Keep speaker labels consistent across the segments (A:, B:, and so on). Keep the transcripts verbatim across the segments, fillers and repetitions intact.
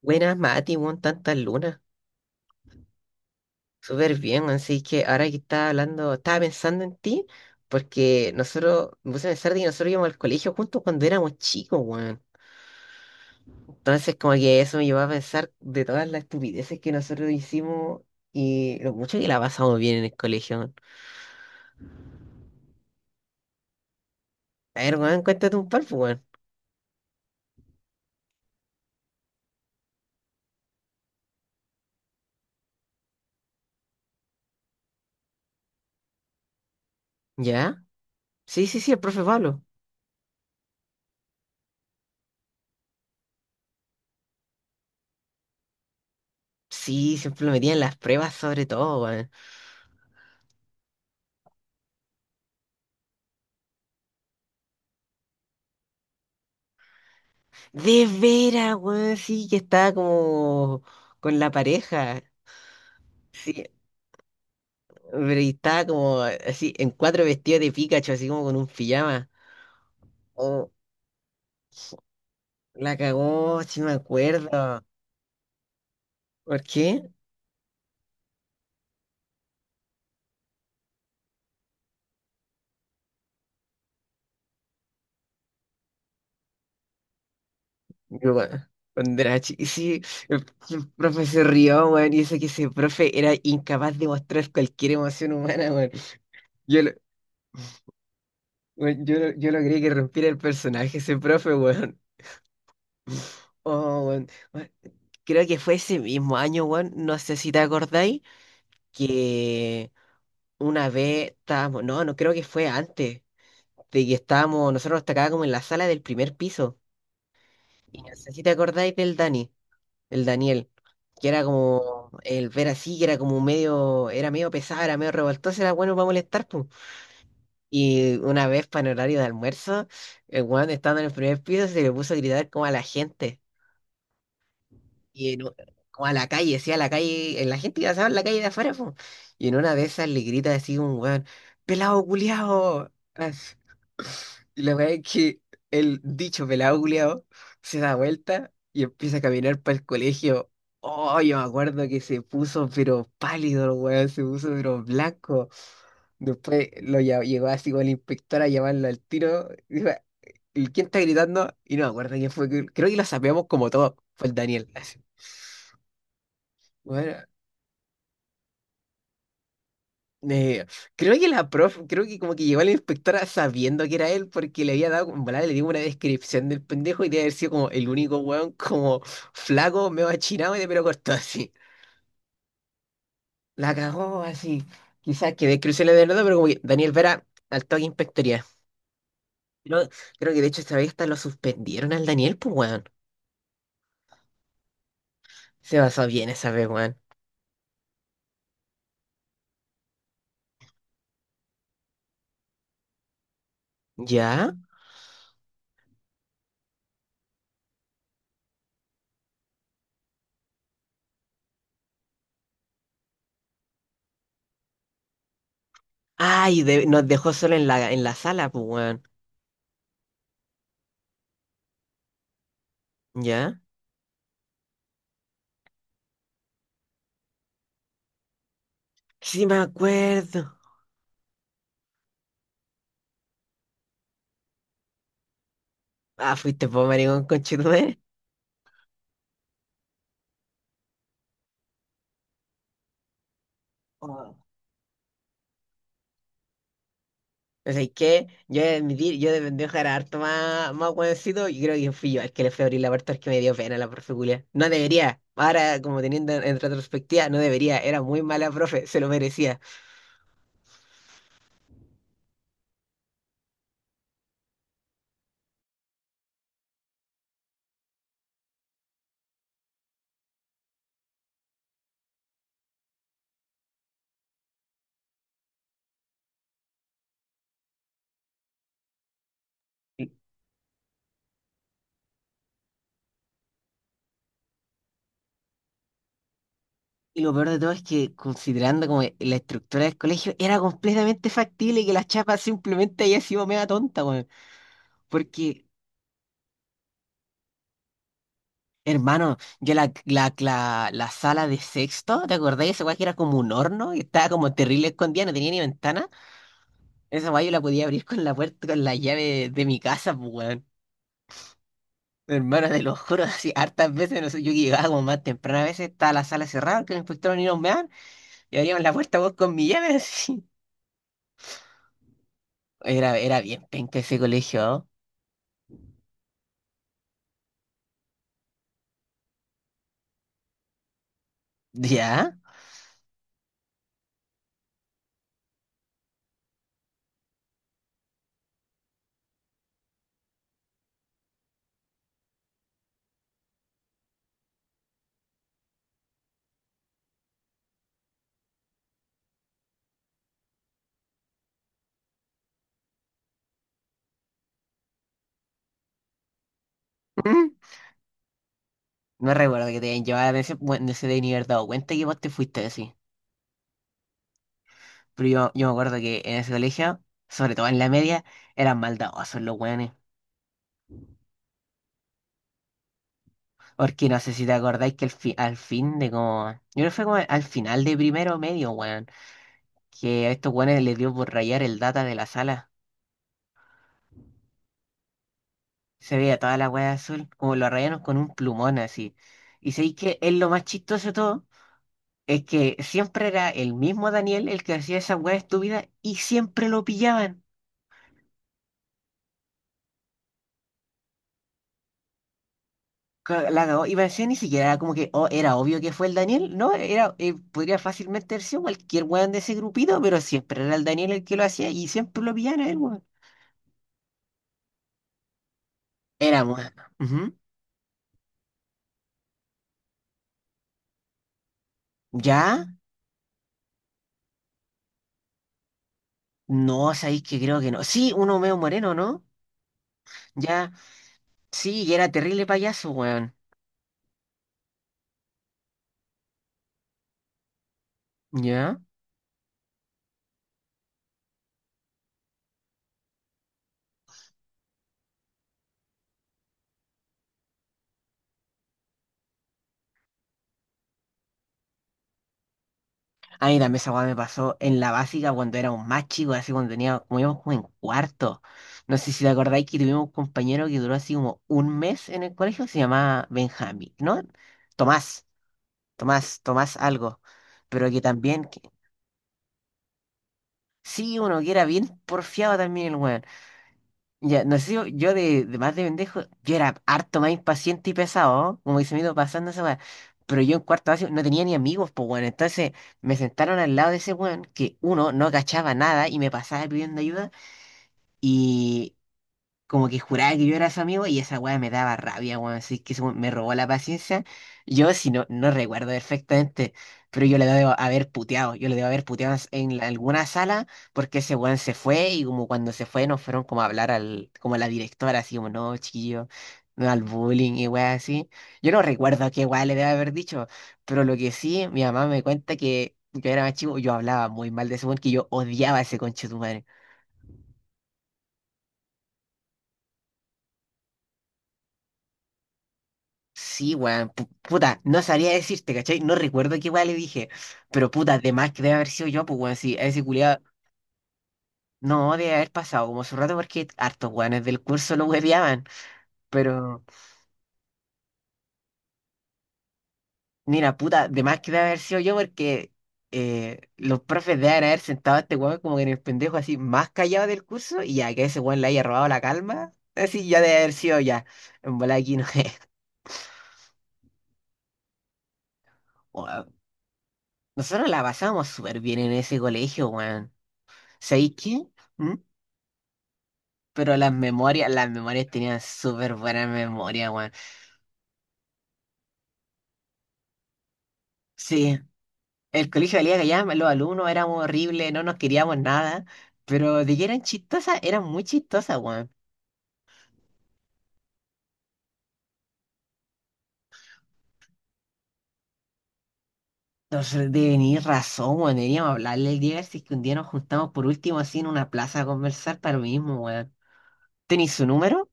A: Buenas, Mati, weón, tantas lunas. Súper bien, weón. Así que ahora que estaba hablando, estaba pensando en ti, porque nosotros, me puse a pensar de que nosotros íbamos al colegio juntos cuando éramos chicos, weón. Entonces, como que eso me llevó a pensar de todas las estupideces que nosotros hicimos y lo mucho que la pasamos bien en el colegio, weón. A ver, weón, cuéntate un par, pues, weón. ¿Ya? Sí, sí, sí, el profe Pablo. Sí, siempre lo metían en las pruebas, sobre todo, weón. De veras, weón, sí, que estaba como con la pareja. Sí, pero y estaba como así, en cuatro vestidos de Pikachu, así como con un pijama. Oh, la cagó, sí me acuerdo. ¿Por qué? Yo, bueno, cuando era chi- sí, el, el profe se rió, weón, y eso que ese profe era incapaz de mostrar cualquier emoción humana, weón. Yo, lo- weón, yo, lo- yo logré que rompiera el personaje ese profe, weón. Oh, weón. Weón, creo que fue ese mismo año, weón, no sé si te acordáis, que una vez estábamos, no, no creo que fue antes. De que estábamos, nosotros estábamos como en la sala del primer piso. Y no sé si te acordáis del Dani, el Daniel, que era como el ver así, que era como medio, era medio pesado, era medio revoltoso, era bueno para molestar, pum. Y una vez para el horario de almuerzo, el weón estando en el primer piso se le puso a gritar como a la gente. Y en u- Como a la calle, sí, a la calle, en la gente iba a en la calle de afuera, pum. Y en una de esas le grita así un weón, pelado culiao. Y la verdad es que el dicho pelado culiao se da vuelta y empieza a caminar para el colegio. Oh, yo me acuerdo que se puso pero pálido el weón, se puso pero blanco. Después lo lla- llegó así con el inspector a llamarlo al tiro. Dijo, "¿Y ¿quién está gritando? Y no me acuerdo quién fue. Creo que lo sabíamos como todo. Fue el Daniel". Así. Bueno, Eh, creo que la prof, creo que como que llegó a la inspectora sabiendo que era él porque le había dado, en volada le dio una descripción del pendejo y debe haber sido como el único weón como flaco, medio achinado y de pelo corto así. La cagó así. Quizás que descripción le de nada, pero como que Daniel Vera al toque inspectoría. Creo, Creo que de hecho esta vez hasta lo suspendieron al Daniel, pues weón. Se basó bien esa vez, weón. ¿Ya? Ay, de- nos dejó solo en la, en la sala, pues weón. ¿Ya? Sí me acuerdo. Ah, fuiste vos, maricón, conchetumare. Oh. O sea, es que yo he de admitir, yo de pendejo era harto más, más hueoncito y creo que fui yo el que le fui a abrir la puerta, es que me dio pena la profe culia. No debería. Ahora, como teniendo en retrospectiva, no debería. Era muy mala profe, se lo merecía. Y lo peor de todo es que, considerando como la estructura del colegio, era completamente factible que la chapa simplemente haya sido mega tonta, weón. Porque, hermano, yo la, la, la, la sala de sexto, ¿te acordás? Esa weá que era como un horno y estaba como terrible escondida, no tenía ni ventana. Esa guay yo la podía abrir con la puerta, con la llave de mi casa, pues, weón. Hermano, te lo juro, así hartas veces, no sé, yo llegaba como más temprano, a veces estaba la sala cerrada, que los inspectores ni nos meaban, y abríamos la puerta vos con mi llave, así. Era, era bien penca ese colegio, ¿no? ¿Ya? ¿Mm? No recuerdo que te hayan llevado la atención, bueno, no se deben ni haber dado cuenta que vos te fuiste así. Pero yo, yo me acuerdo que en ese colegio, sobre todo en la media, eran maldadosos los weones. Porque no sé si te acordáis que el fi- al fin de como. Yo creo que fue como al final de primero medio, weón. Que a estos weones les dio por rayar el data de la sala. Se veía toda la weá azul, como lo rayaron con un plumón así. Y sé que es lo más chistoso de todo. Es que siempre era el mismo Daniel el que hacía esa weá estúpida y siempre lo pillaban. Ca- La cagó. Y parecía ni siquiera era como que oh, era obvio que fue el Daniel. No, era, eh, podría fácilmente haber sido cualquier weón de ese grupito, pero siempre era el Daniel el que lo hacía y siempre lo pillaban a él, weón. Era moreno. Ujú. Ya, no, sabéis que creo que no. Sí, uno medio moreno, ¿no? Ya, sí, y era terrible payaso, weón. Ya. A mí también esa weá me pasó en la básica cuando era un más chico, así cuando tenía, como íbamos como en cuarto. No sé si te acordáis que tuvimos un compañero que duró así como un mes en el colegio, se llamaba Benjamín, ¿no? Tomás, Tomás, Tomás algo. Pero que también, que- sí, uno que era bien porfiado también el weón. Ya, no sé, yo, yo de, de más de pendejo, yo era harto más impaciente y pesado, ¿no? Como dice me iba pasando esa weá. Pero yo en cuarto básico no tenía ni amigos, pues bueno. Entonces me sentaron al lado de ese weón que uno no cachaba nada y me pasaba pidiendo ayuda como que juraba que yo era su amigo y esa weá me daba rabia, weón. Así que eso me robó la paciencia. Yo, si no, no recuerdo perfectamente, pero yo le debo haber puteado. Yo le debo haber puteado en la- alguna sala porque ese weón se fue y como cuando se fue nos fueron como a hablar al, como a la directora, así como, no, chiquillo, no al bullying y weá así. Yo no recuerdo qué weá le debo haber dicho, pero lo que sí, mi mamá me cuenta que yo era más chico, yo hablaba muy mal de ese weón, que yo odiaba a ese conche. Sí, weón, pu- puta, no sabría decirte, ¿cachai? No recuerdo qué weón le dije, pero puta, de más que debe haber sido yo, pues weón, sí, a ese culiado no debe haber pasado como su rato porque hartos weones del curso lo hueveaban, pero mira, puta, de más que debe haber sido yo porque eh, los profes deben haber sentado a este weón como que en el pendejo así más callado del curso y ya que ese weón le haya robado la calma, así ya debe haber sido ya, en bola aquí no es, weón. Nosotros la pasábamos súper bien en ese colegio, weón. ¿Sabéis qué? ¿Mm? Pero las memorias, las memorias tenían súper buenas memorias, weón. Sí, el colegio valía que ya los alumnos éramos horribles, no nos queríamos nada, pero de que eran chistosas, eran muy chistosas, weón. Entonces, de venir razón, weón, deberíamos hablarle el día, a ver si es que un día nos juntamos por último así en una plaza a conversar para lo mismo, weón. ¿Tenís su número?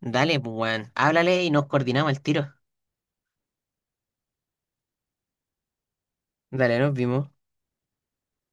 A: Dale, pues, weón, háblale y nos coordinamos el tiro. Dale, nos vimos.